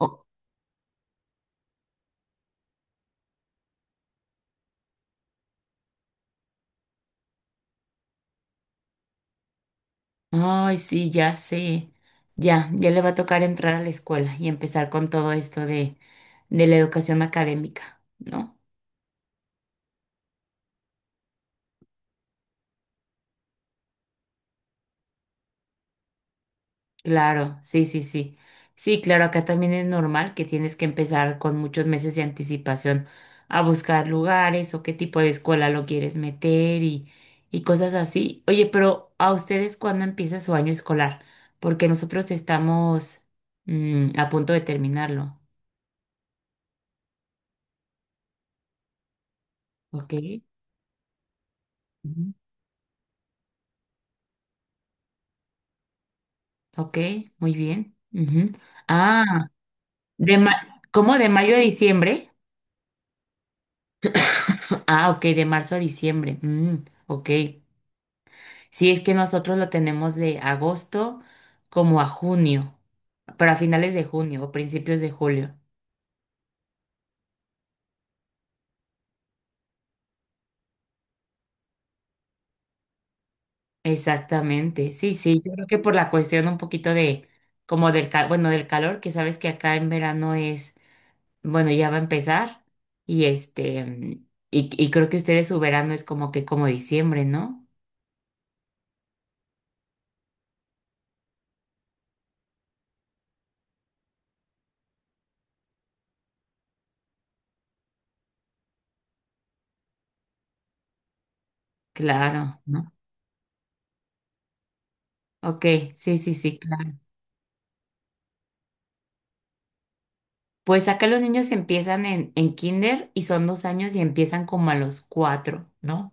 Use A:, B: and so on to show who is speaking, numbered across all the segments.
A: O- Ay, sí, ya sé. Ya, ya le va a tocar entrar a la escuela y empezar con todo esto de la educación académica, ¿no? Claro, sí, sí, sí. Sí, claro, acá también es normal que tienes que empezar con muchos meses de anticipación a buscar lugares o qué tipo de escuela lo quieres meter y cosas así. Oye, pero ¿a ustedes cuándo empieza su año escolar? Porque nosotros estamos a punto de terminarlo, ¿ok? Ok, muy bien. Ujú. Ah, ¿cómo de mayo a diciembre? Ah, ok, de marzo a diciembre. Mm, ok. Sí, es que nosotros lo tenemos de agosto como a junio, pero a finales de junio o principios de julio. Exactamente. Sí, sí, yo creo que por la cuestión un poquito de, como bueno, del calor, que sabes que acá en verano es, bueno, ya va a empezar y este, y creo que ustedes su verano es como que como diciembre, ¿no? Claro, ¿no? Ok, sí, sí, sí, claro. Pues acá los niños empiezan en kinder y son 2 años y empiezan como a los 4, ¿no?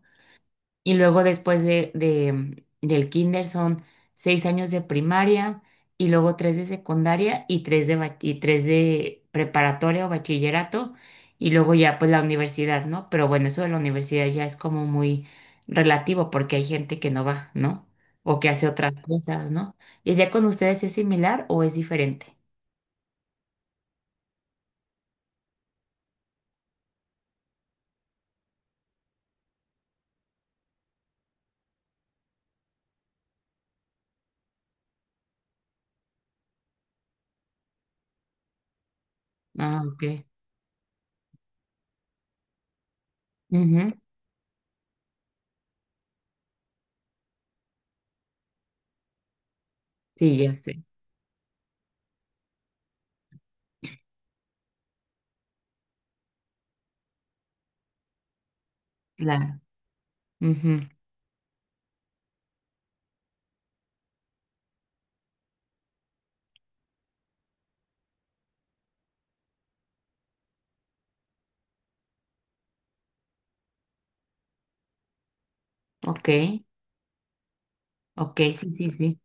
A: Y luego después del kinder son 6 años de primaria y luego tres de secundaria y y tres de preparatoria o bachillerato y luego ya pues la universidad, ¿no? Pero bueno, eso de la universidad ya es como muy relativo porque hay gente que no va, ¿no? O que hace otras cosas, ¿no? ¿Y ya con ustedes es similar o es diferente? Ah, ok. Ujú. Sí, ya sé. Claro. Ujú. Ok, ok, sí, sí, sí.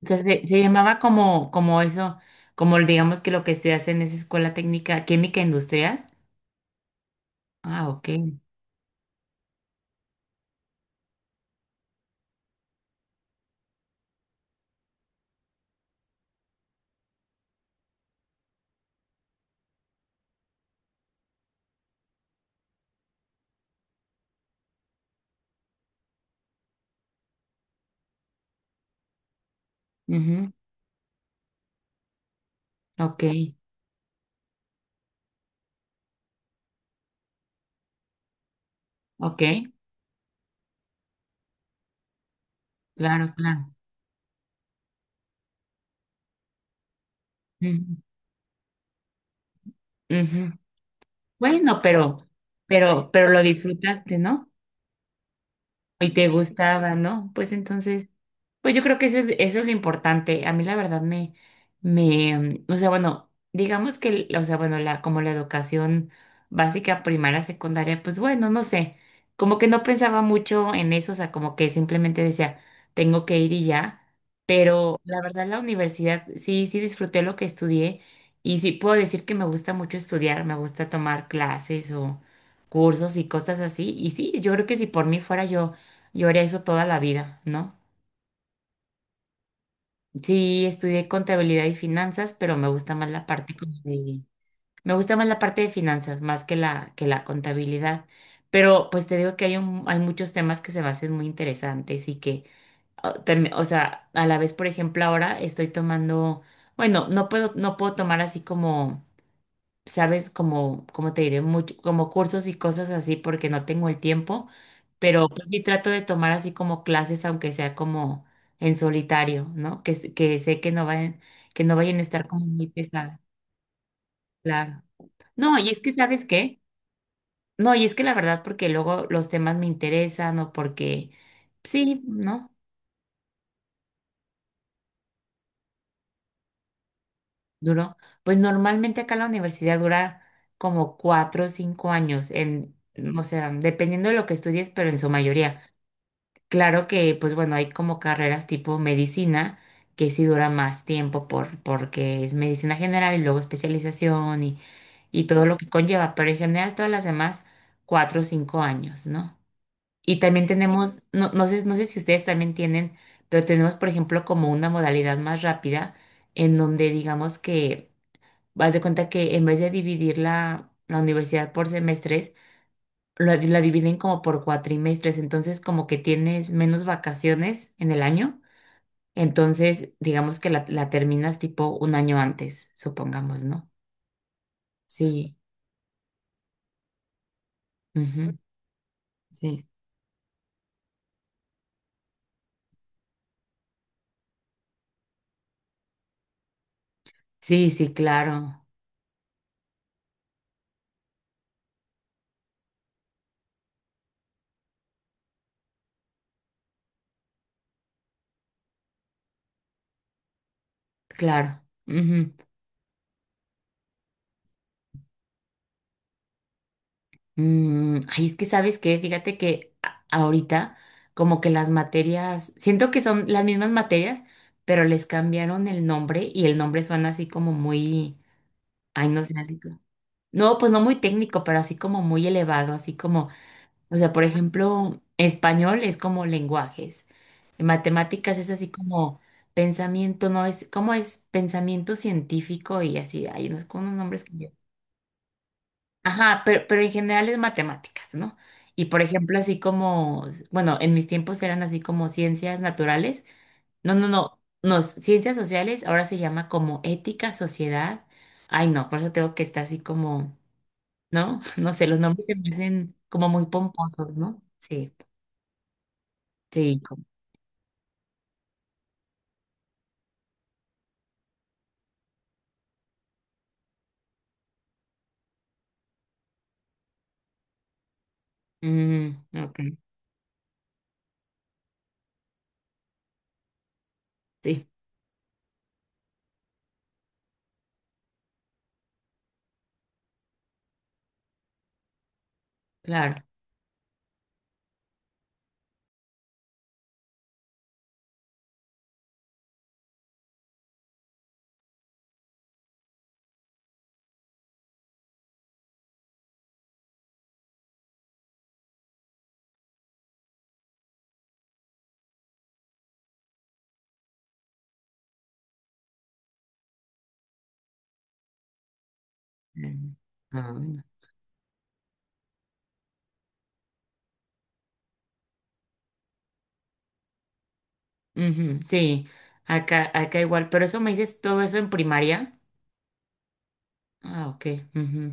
A: Entonces, se llamaba como, como eso, como digamos que lo que estudias en esa escuela técnica química industrial. Ah, ok. Ujú, ok, ok, claro, claro. Ujú, ujú. Bueno, pero lo disfrutaste, ¿no? Y te gustaba, ¿no? Pues entonces, pues yo creo que eso es lo importante. A mí la verdad me, o sea, bueno, digamos que, o sea, bueno, como la educación básica, primaria, secundaria, pues bueno, no sé, como que no pensaba mucho en eso, o sea, como que simplemente decía, tengo que ir y ya, pero la verdad la universidad, sí, sí disfruté lo que estudié y sí puedo decir que me gusta mucho estudiar, me gusta tomar clases o cursos y cosas así, y sí, yo creo que si por mí fuera yo haré eso toda la vida, ¿no? Sí, estudié contabilidad y finanzas, pero me gusta más la parte me gusta más la parte de finanzas más que la contabilidad. Pero pues te digo que hay muchos temas que se me hacen muy interesantes y que o sea, a la vez, por ejemplo, ahora estoy tomando, bueno, no puedo tomar así como sabes, como te diré, mucho, como cursos y cosas así porque no tengo el tiempo, pero pues sí trato de tomar así como clases, aunque sea como en solitario, ¿no? Que, que sé que no vayan a estar como muy pesadas, claro. No, y es que, ¿sabes qué? No, y es que la verdad, porque luego los temas me interesan o porque, sí, ¿no? Duró. Pues normalmente acá la universidad dura como 4 o 5 años, o sea, dependiendo de lo que estudies, pero en su mayoría. Claro que, pues bueno, hay como carreras tipo medicina que sí dura más tiempo porque es medicina general y luego especialización y todo lo que conlleva, pero en general todas las demás, 4 o 5 años, ¿no? Y también tenemos, no, no sé si ustedes también tienen, pero tenemos, por ejemplo, como una modalidad más rápida en donde digamos que vas de cuenta que en vez de dividir la universidad por semestres, la dividen como por cuatrimestres, entonces como que tienes menos vacaciones en el año, entonces digamos que la terminas tipo un año antes, supongamos, ¿no? Sí, ujú, sí, sí, sí, claro, claro. Ujú. Mm, ay, es que sabes qué, fíjate que ahorita como que las materias, siento que son las mismas materias, pero les cambiaron el nombre y el nombre suena así como muy, ay, no sé, así. No, pues no muy técnico, pero así como muy elevado, así como, o sea, por ejemplo, español es como lenguajes, matemáticas es así como pensamiento, no es, como es pensamiento científico y así, hay unos, con unos nombres que yo. Ajá, pero en general es matemáticas, ¿no? Y por ejemplo, así como, bueno, en mis tiempos eran así como ciencias naturales, no, no, no, no, ciencias sociales ahora se llama como ética, sociedad, ay no, por eso tengo que estar así como... ¿no? No sé, los nombres me parecen como muy pomposos, ¿no? Sí, sí, como, mm, ok, sí, claro. Mm, ah, bueno. Ujú, sí, acá igual, pero eso me dices todo eso en primaria. Ah, ok. Ujú.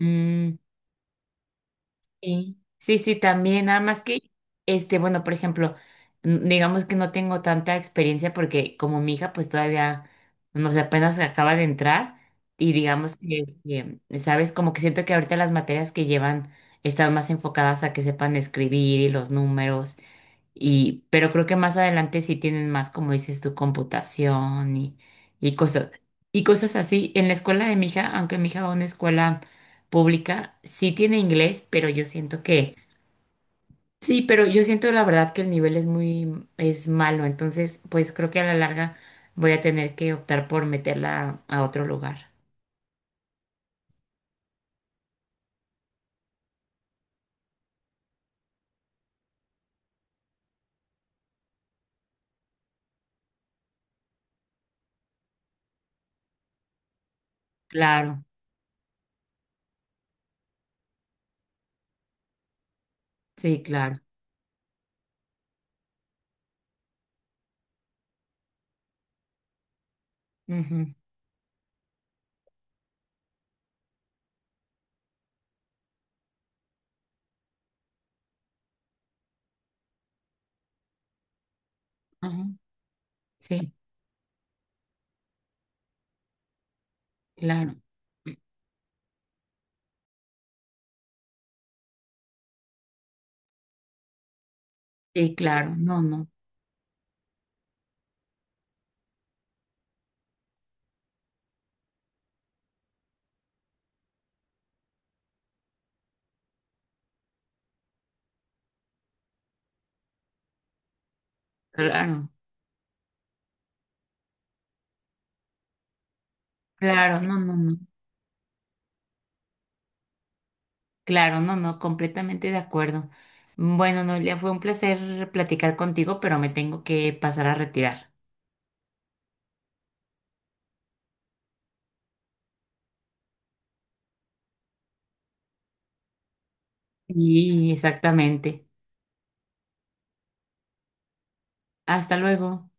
A: Mm, sí, sí, sí, también, nada más que, este, bueno, por ejemplo, digamos que no tengo tanta experiencia porque como mi hija pues todavía, no sé, apenas acaba de entrar y digamos que, ¿sabes? Como que siento que ahorita las materias que llevan están más enfocadas a que sepan escribir y los números y, pero creo que más adelante sí tienen más, como dices tu computación y cosas, y cosas así. En la escuela de mi hija, aunque mi hija va a una escuela pública, sí tiene inglés, pero yo siento que, sí, pero yo siento la verdad que el nivel es es malo. Entonces, pues creo que a la larga voy a tener que optar por meterla a otro lugar. Claro, sí, claro. Ujú, ujú, sí, claro. Sí, claro. No, no. Claro, claro, no, no, no. Claro, no, no, completamente de acuerdo. Bueno, Noelia, fue un placer platicar contigo, pero me tengo que pasar a retirar. Y exactamente. Hasta luego.